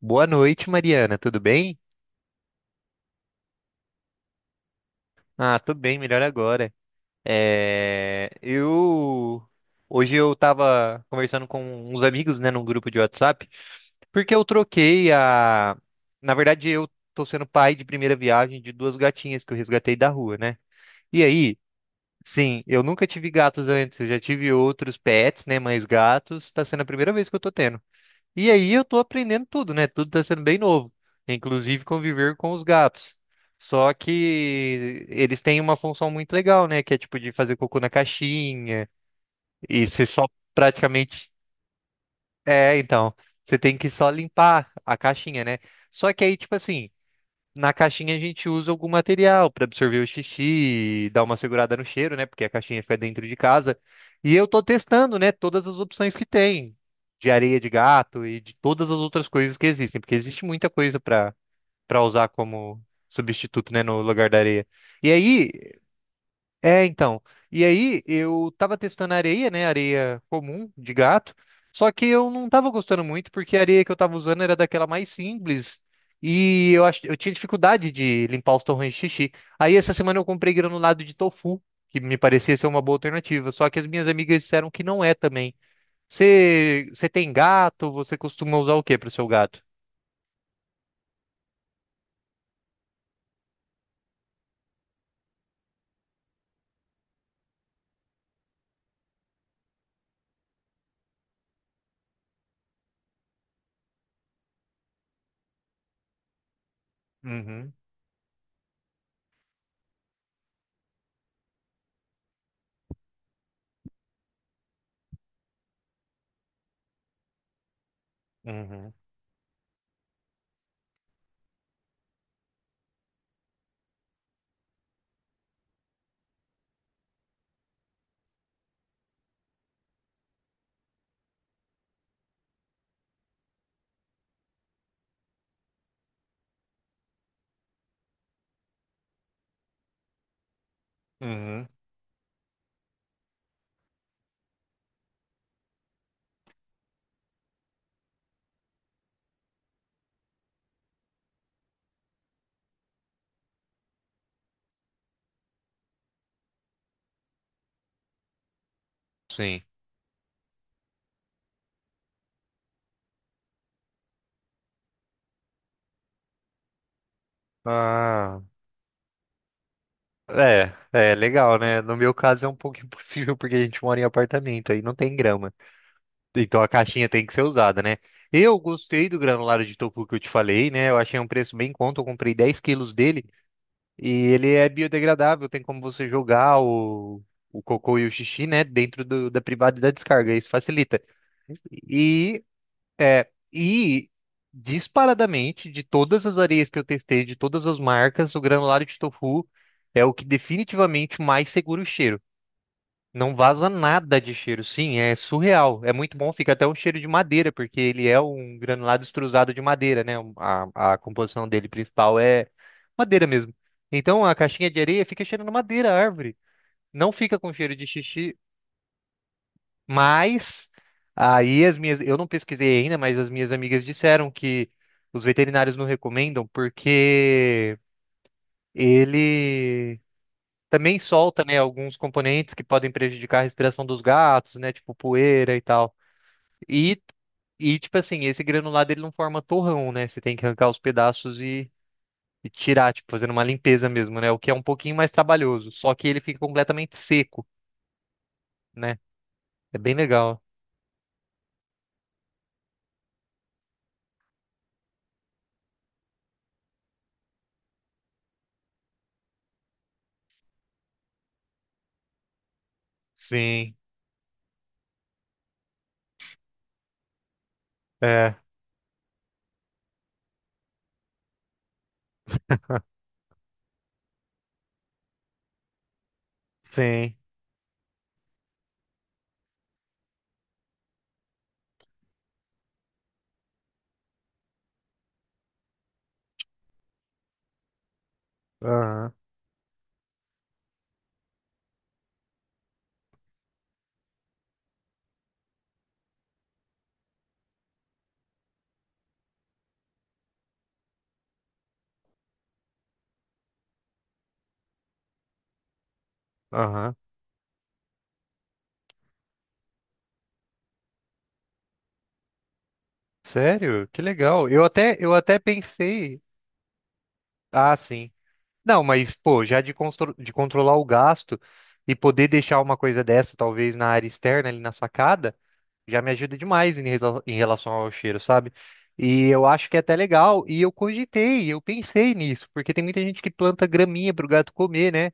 Boa noite, Mariana. Tudo bem? Ah, tô bem, melhor agora. É, eu Hoje eu tava conversando com uns amigos, né, num grupo de WhatsApp, porque na verdade eu tô sendo pai de primeira viagem de duas gatinhas que eu resgatei da rua, né? E aí, sim, eu nunca tive gatos antes, eu já tive outros pets, né, mas gatos tá sendo a primeira vez que eu tô tendo. E aí eu tô aprendendo tudo, né? Tudo tá sendo bem novo, inclusive conviver com os gatos. Só que eles têm uma função muito legal, né? Que é tipo de fazer cocô na caixinha e você só praticamente é, então, você tem que só limpar a caixinha, né? Só que aí tipo assim, na caixinha a gente usa algum material para absorver o xixi, dar uma segurada no cheiro, né? Porque a caixinha fica dentro de casa. E eu tô testando, né, todas as opções que tem, de areia de gato e de todas as outras coisas que existem, porque existe muita coisa para usar como substituto, né, no lugar da areia. E aí é, então. E aí, eu tava testando areia, né? Areia comum de gato. Só que eu não tava gostando muito, porque a areia que eu tava usando era daquela mais simples. E eu acho, eu tinha dificuldade de limpar os torrões de xixi. Aí, essa semana, eu comprei granulado de tofu, que me parecia ser uma boa alternativa. Só que as minhas amigas disseram que não é também. Você tem gato? Você costuma usar o que para o seu gato? Uhum, uhum, uhum, sim. Ah, é legal, né? No meu caso é um pouco impossível porque a gente mora em apartamento, aí não tem grama. Então a caixinha tem que ser usada, né? Eu gostei do granulado de tofu que eu te falei, né? Eu achei um preço bem em conta, eu comprei 10 quilos dele e ele é biodegradável, tem como você jogar o cocô e o xixi, né, dentro da privada e da descarga, isso facilita. E é e disparadamente de todas as areias que eu testei, de todas as marcas, o granulado de tofu é o que definitivamente mais segura o cheiro. Não vaza nada de cheiro. Sim, é surreal. É muito bom, fica até um cheiro de madeira, porque ele é um granulado extrusado de madeira, né? A composição dele principal é madeira mesmo. Então a caixinha de areia fica cheirando madeira, árvore. Não fica com cheiro de xixi, mas aí eu não pesquisei ainda, mas as minhas amigas disseram que os veterinários não recomendam porque ele também solta, né, alguns componentes que podem prejudicar a respiração dos gatos, né, tipo poeira e tal. E, e tipo assim, esse granulado ele não forma torrão, né? Você tem que arrancar os pedaços e tirar, tipo, fazendo uma limpeza mesmo, né? O que é um pouquinho mais trabalhoso, só que ele fica completamente seco, né? É bem legal. Sim, é, sim. Aham, aham. Sério? Que legal. Eu até pensei. Ah, sim. Não, mas, pô, já de controlar o gasto e poder deixar uma coisa dessa, talvez na área externa, ali na sacada, já me ajuda demais em relação ao cheiro, sabe? E eu acho que é até legal. E eu cogitei, eu pensei nisso, porque tem muita gente que planta graminha pro gato comer, né?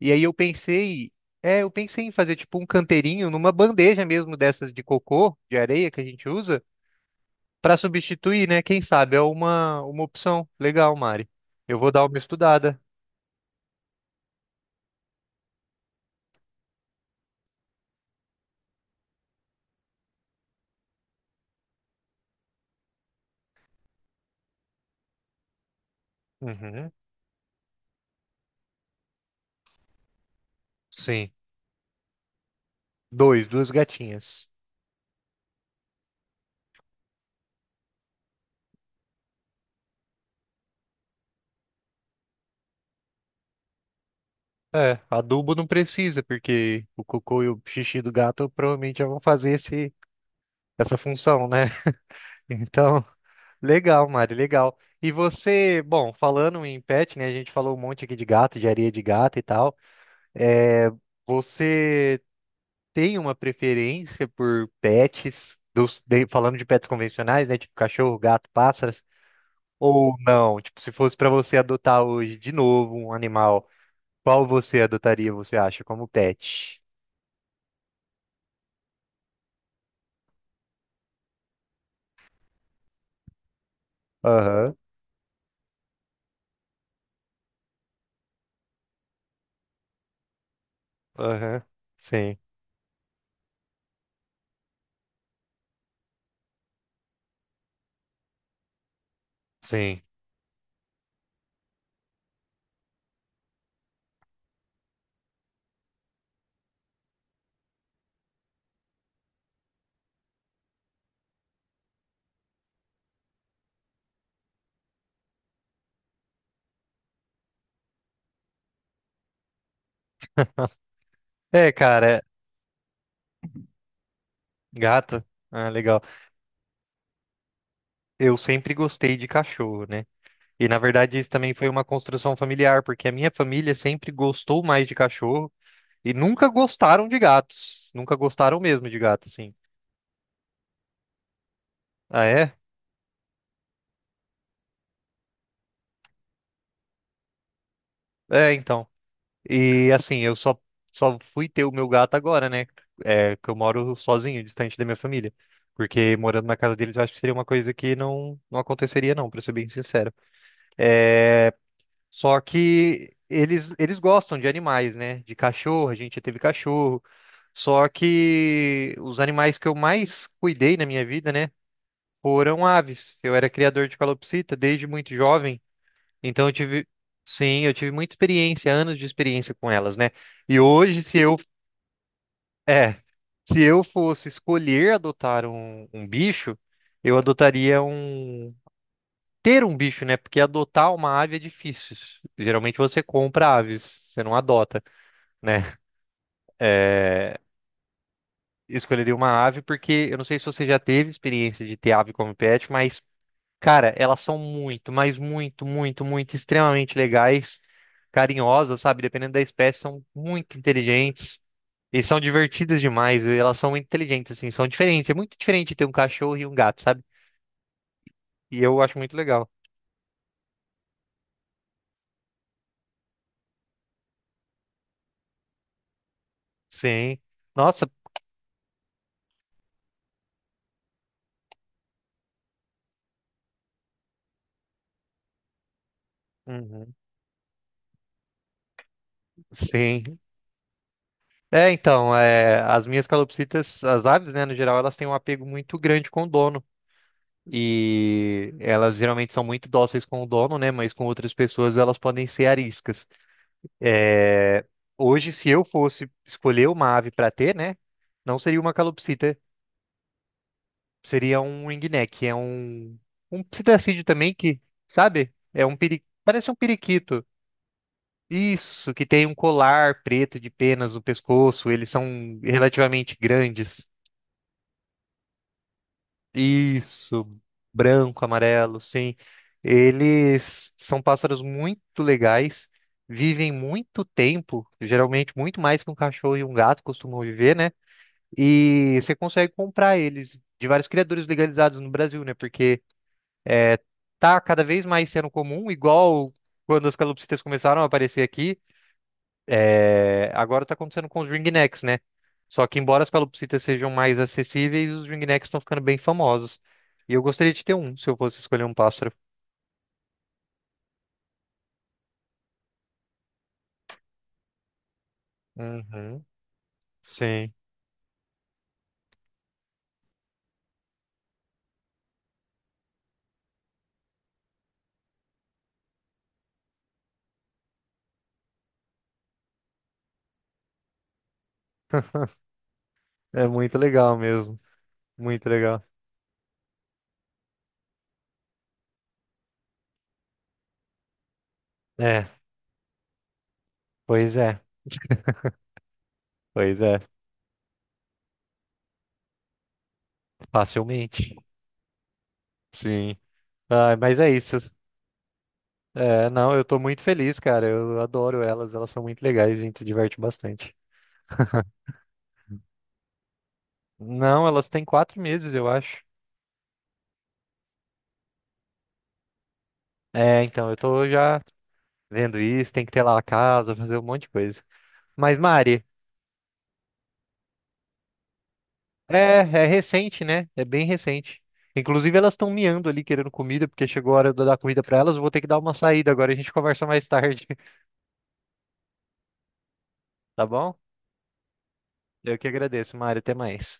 E aí eu pensei em fazer tipo um canteirinho numa bandeja mesmo dessas de cocô, de areia que a gente usa, pra substituir, né? Quem sabe? É uma opção. Legal, Mari. Eu vou dar uma estudada. Uhum. Sim. Dois, duas gatinhas. É, adubo não precisa, porque o cocô e o xixi do gato provavelmente já vão fazer esse, essa função, né? Então, legal, Mari, legal. E você, bom, falando em pet, né? A gente falou um monte aqui de gato, de areia de gato e tal. É, você tem uma preferência por pets, falando de pets convencionais, né? Tipo cachorro, gato, pássaros? Ou não? Tipo, se fosse pra você adotar hoje de novo um animal. Qual você adotaria, você acha, como pet? Aham, aham. Sim, sim. É, cara, gato. Ah, legal. Eu sempre gostei de cachorro, né? E na verdade isso também foi uma construção familiar, porque a minha família sempre gostou mais de cachorro e nunca gostaram de gatos. Nunca gostaram mesmo de gato, assim. Ah, é? É, então. E assim, eu só fui ter o meu gato agora, né? É, que eu moro sozinho, distante da minha família. Porque morando na casa deles, eu acho que seria uma coisa que não, não aconteceria, não, pra ser bem sincero. É, só que eles gostam de animais, né? De cachorro, a gente já teve cachorro. Só que os animais que eu mais cuidei na minha vida, né? Foram aves. Eu era criador de calopsita desde muito jovem. Então eu tive, sim, eu tive muita experiência, anos de experiência com elas, né? E hoje, é, se eu fosse escolher adotar um, bicho, eu adotaria um, ter um bicho, né? Porque adotar uma ave é difícil. Geralmente você compra aves, você não adota, né? É, escolheria uma ave porque eu não sei se você já teve experiência de ter ave como pet, mas cara, elas são muito, mas muito, muito, muito extremamente legais, carinhosas, sabe? Dependendo da espécie, são muito inteligentes e são divertidas demais. E elas são muito inteligentes, assim, são diferentes. É muito diferente ter um cachorro e um gato, sabe? E eu acho muito legal. Sim. Nossa. Uhum. Sim. É, então, é, as minhas calopsitas, as aves, né, no geral, elas têm um apego muito grande com o dono. E elas geralmente são muito dóceis com o dono, né? Mas com outras pessoas elas podem ser ariscas. É, hoje, se eu fosse escolher uma ave para ter, né? Não seria uma calopsita, seria um ringneck, é um psitacídeo também que, sabe? Parece um periquito. Isso, que tem um colar preto de penas no pescoço, eles são relativamente grandes. Isso, branco, amarelo, sim. Eles são pássaros muito legais, vivem muito tempo, geralmente muito mais que um cachorro e um gato costumam viver, né? E você consegue comprar eles de vários criadores legalizados no Brasil, né? Porque é, tá cada vez mais sendo comum, igual quando as calopsitas começaram a aparecer aqui, é, agora tá acontecendo com os ringnecks, né? Só que embora as calopsitas sejam mais acessíveis, os ringnecks estão ficando bem famosos. E eu gostaria de ter um, se eu fosse escolher um pássaro. Uhum, sim. É muito legal mesmo. Muito legal. É, pois é, pois é. Facilmente. Sim. Ah, mas é isso. É, não, eu tô muito feliz, cara. Eu adoro elas, elas são muito legais, a gente se diverte bastante. Não, elas têm 4 meses, eu acho. É, então, eu tô já vendo isso, tem que ter lá a casa, fazer um monte de coisa. Mas, Mari, é recente, né? É bem recente. Inclusive, elas estão miando ali querendo comida, porque chegou a hora de eu dar comida pra elas. Eu vou ter que dar uma saída agora, a gente conversa mais tarde, tá bom? Eu que agradeço, Mari, até mais.